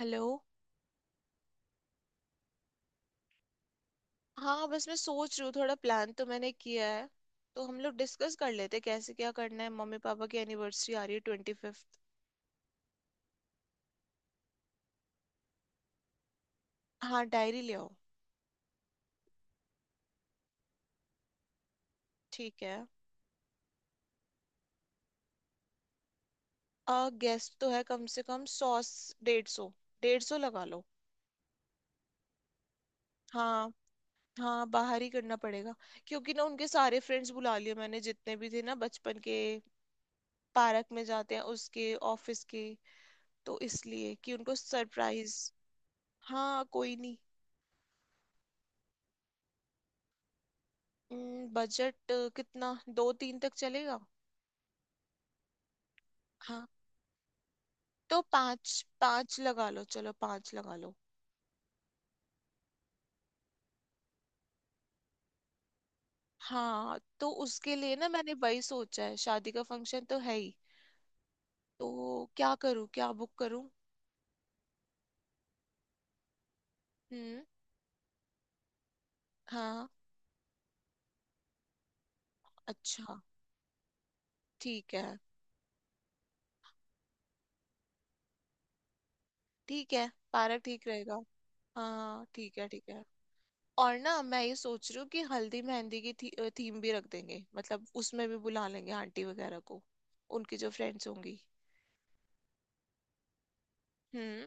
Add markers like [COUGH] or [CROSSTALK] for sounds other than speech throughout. Hello. हाँ, बस मैं सोच रही हूँ थोड़ा प्लान तो मैंने किया है। तो हम लोग डिस्कस कर लेते हैं कैसे क्या करना है। मम्मी पापा की एनिवर्सरी आ रही है 25th। हाँ, डायरी ले आओ। ठीक है। आ गेस्ट तो है कम से कम 100। 150। 150 लगा लो। हाँ। हाँ, बाहर ही करना पड़ेगा। क्योंकि ना उनके सारे फ्रेंड्स बुला लिए मैंने जितने भी थे ना बचपन के। पार्क में जाते हैं उसके ऑफिस के। तो इसलिए कि उनको सरप्राइज। हाँ, कोई नहीं। बजट कितना? दो तीन तक चलेगा। हाँ। तो पाँच पाँच लगा लो, चलो पाँच लगा लो। हाँ, तो उसके लिए ना मैंने वही सोचा है। शादी का फंक्शन तो है ही। तो क्या करूँ, क्या बुक करूँ? हम्म। हाँ। अच्छा। ठीक है। ठीक है, पार्क ठीक रहेगा। हाँ, ठीक है। ठीक है। और ना मैं ये सोच रही हूँ कि हल्दी मेहंदी की थीम भी रख देंगे, मतलब उसमें भी बुला लेंगे आंटी वगैरह को। उनकी जो फ्रेंड्स होंगी। हम्म।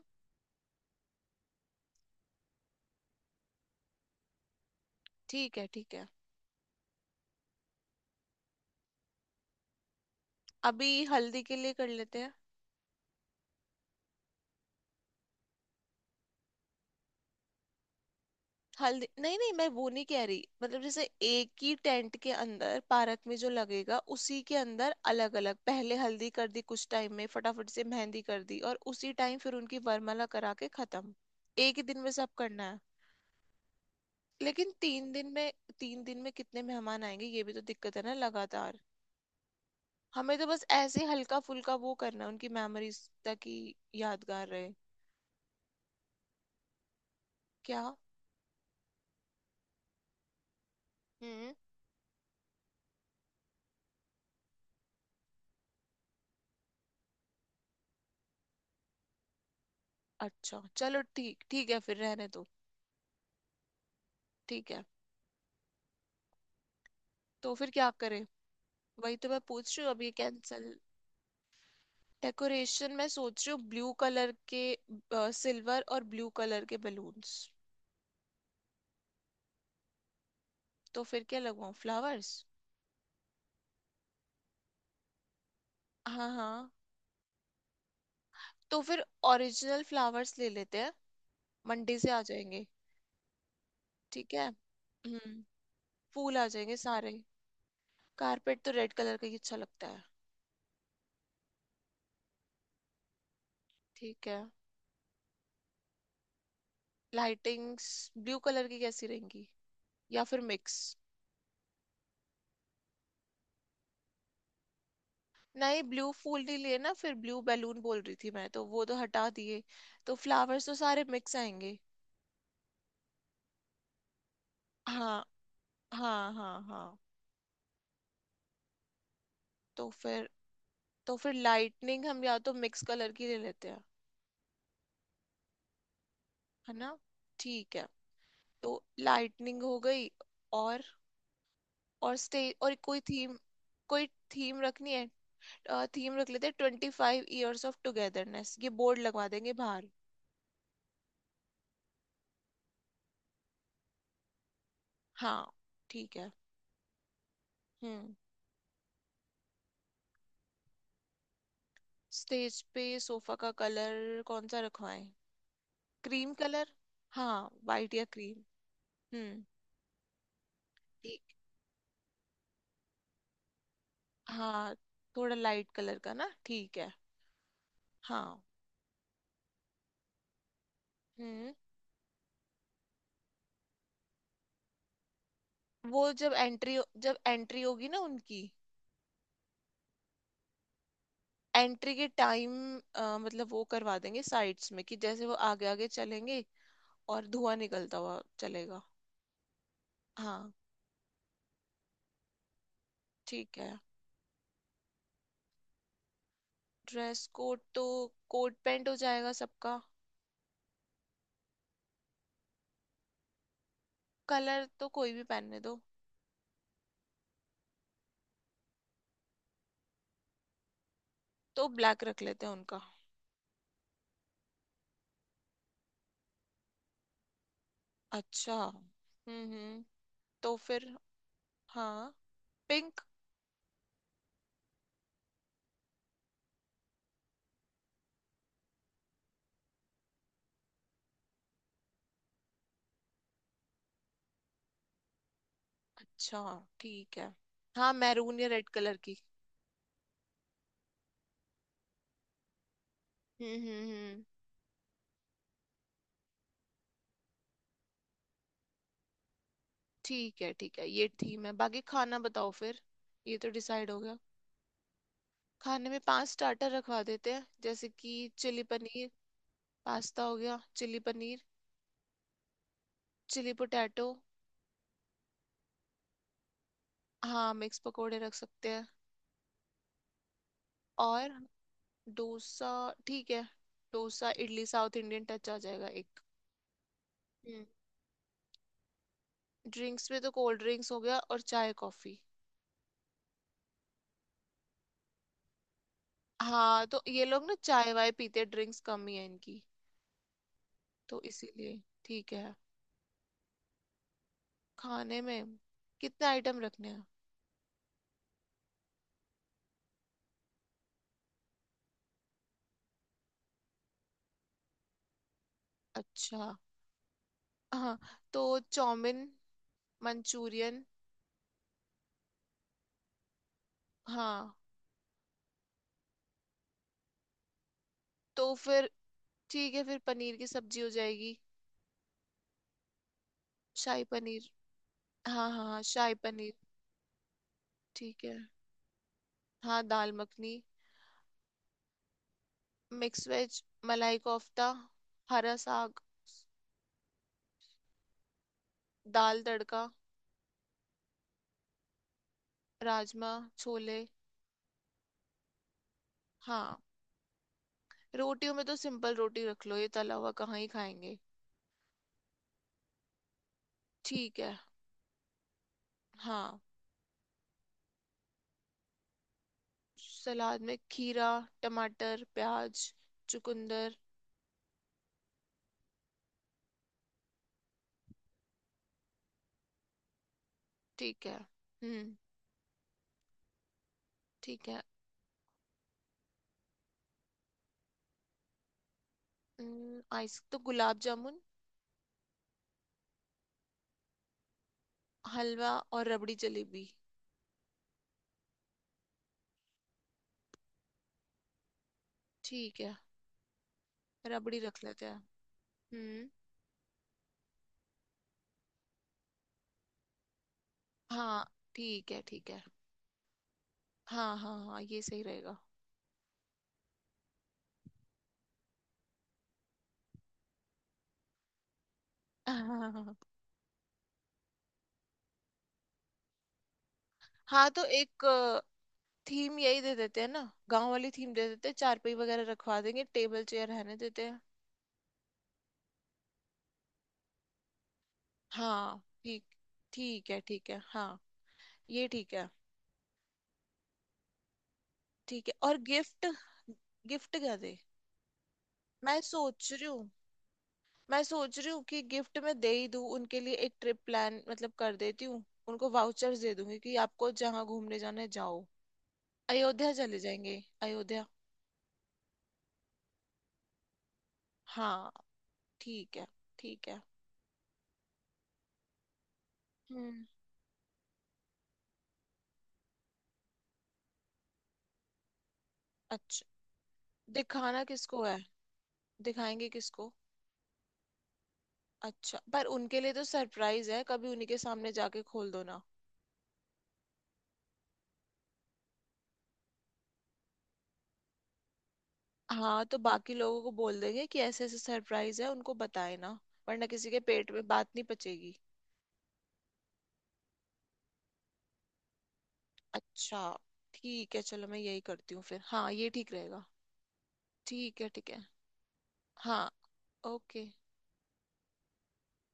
ठीक है। ठीक है। अभी हल्दी के लिए कर लेते हैं। हल्दी नहीं नहीं, मैं वो नहीं कह रही। मतलब जैसे एक ही टेंट के अंदर पार्क में जो लगेगा उसी के अंदर अलग अलग पहले हल्दी कर दी, कुछ टाइम में फटाफट से मेहंदी कर दी, और उसी टाइम फिर उनकी वरमाला करा के खत्म। एक ही दिन में सब करना है। लेकिन 3 दिन में, 3 दिन में कितने मेहमान आएंगे, ये भी तो दिक्कत है ना, लगातार। हमें तो बस ऐसे हल्का फुल्का वो करना है उनकी मेमोरीज, ताकि यादगार रहे। क्या? हम्म। अच्छा चलो, ठीक ठीक है, फिर रहने दो। ठीक है। तो फिर क्या करें? वही तो मैं पूछ रही हूँ, अब ये कैंसिल। डेकोरेशन मैं सोच रही हूँ ब्लू कलर के, सिल्वर और ब्लू कलर के बलून्स। तो फिर क्या लगवाऊं, फ्लावर्स? हाँ, हाँ। तो फिर ओरिजिनल फ्लावर्स ले लेते हैं, मंडी से आ जाएंगे। ठीक है। हम्म। फूल आ जाएंगे सारे। कारपेट तो रेड कलर का ही अच्छा लगता है। ठीक है। लाइटिंग्स ब्लू कलर की कैसी रहेंगी, या फिर मिक्स? नहीं, ब्लू फूल नहीं लिए ना, फिर ब्लू बैलून बोल रही थी मैं, तो वो तो हटा दिए। तो फ्लावर्स तो सारे मिक्स आएंगे। हाँ। हाँ, हाँ, हाँ। तो फिर। तो फिर लाइटनिंग हम या तो मिक्स कलर की ले लेते हैं, है ना? ठीक है। तो लाइटनिंग हो गई। और और स्टे और कोई थीम रखनी है। थीम रख लेते हैं, 25 ईयर्स ऑफ टुगेदरनेस, ये बोर्ड लगवा देंगे बाहर। हाँ। ठीक है। हम्म। स्टेज पे सोफा का कलर कौन सा रखवाएं? Cream colour. हाँ, वाइट या क्रीम। हम्म। ठीक। हाँ, थोड़ा लाइट कलर का ना, ठीक है। हाँ। हम्म। वो जब एंट्री, जब एंट्री होगी ना उनकी, एंट्री के टाइम, मतलब वो करवा देंगे साइड्स में कि जैसे वो आगे आगे चलेंगे और धुआं निकलता हुआ चलेगा। हाँ। ठीक है। ड्रेस कोड तो कोट पैंट हो जाएगा सबका। कलर तो कोई भी पहनने दो। तो ब्लैक रख लेते हैं उनका। अच्छा। हम्म, हम्म। तो फिर। हाँ। पिंक। अच्छा। ठीक है। हाँ, मैरून या रेड कलर की। हम्म, हम्म, हम्म। ठीक है, ठीक है, ये थीम है। बाकी खाना बताओ फिर, ये तो डिसाइड हो गया। खाने में पांच स्टार्टर रखवा देते हैं, जैसे कि चिली पनीर। पास्ता हो गया, चिली पनीर। Chilli potato. हाँ, मिक्स पकोड़े रख सकते हैं। और। डोसा। ठीक है। Dosa, idli, South Indian touch आ जाएगा एक। हम्म। ड्रिंक्स में तो कोल्ड ड्रिंक्स हो गया और चाय कॉफी। हाँ, तो ये लोग ना चाय वाय पीते, ड्रिंक्स कम ही है इनकी। तो इसीलिए ठीक है। खाने में कितने आइटम रखने हैं? अच्छा। हाँ। तो चाउमीन, मंचूरियन। हाँ। तो फिर ठीक है, फिर पनीर की सब्जी हो जाएगी। शाही पनीर। हाँ, हाँ, हाँ, शाही पनीर। ठीक है। हाँ, दाल मखनी। मिक्स वेज, मलाई कोफ्ता, हरा साग, दाल तड़का, राजमा, छोले। हाँ, रोटियों में तो सिंपल रोटी रख लो, ये तला हुआ कहाँ ही खाएंगे। ठीक है। हाँ। सलाद में खीरा, टमाटर, प्याज, चुकंदर। ठीक है। हम्म। ठीक है। आइस तो गुलाब जामुन। हलवा और रबड़ी जलेबी। ठीक है, रबड़ी रख लेते हैं। हम्म। हाँ, ठीक है, ठीक है। हाँ, हाँ, हाँ, ये सही रहेगा। [LAUGHS] हाँ। हाँ, तो एक थीम यही दे देते हैं ना, गांव वाली थीम दे देते हैं, चारपाई वगैरह रखवा देंगे, टेबल चेयर रहने देते हैं। हाँ, ठीक। ठीक है। ठीक है। हाँ, ये ठीक है। ठीक है, और गिफ्ट? गिफ्ट क्या दे? मैं सोच रही हूँ, मैं सोच रही हूँ कि गिफ्ट में दे ही दूँ, उनके लिए एक ट्रिप प्लान मतलब कर देती हूँ। उनको वाउचर्स दे दूंगी कि आपको जहाँ घूमने जाना है जाओ। अयोध्या चले जाएंगे। अयोध्या। हाँ। ठीक है। ठीक है। हम्म। अच्छा, दिखाना किसको है? दिखाएंगे किसको? अच्छा, पर उनके लिए तो सरप्राइज है, कभी उन्हीं के सामने जाके खोल दो ना। हाँ, तो बाकी लोगों को बोल देंगे कि ऐसे ऐसे सरप्राइज है, उनको बताए ना, वरना किसी के पेट में बात नहीं पचेगी। अच्छा। ठीक है, चलो मैं यही करती हूँ फिर। हाँ, ये ठीक रहेगा। ठीक है, ठीक है। हाँ, ओके।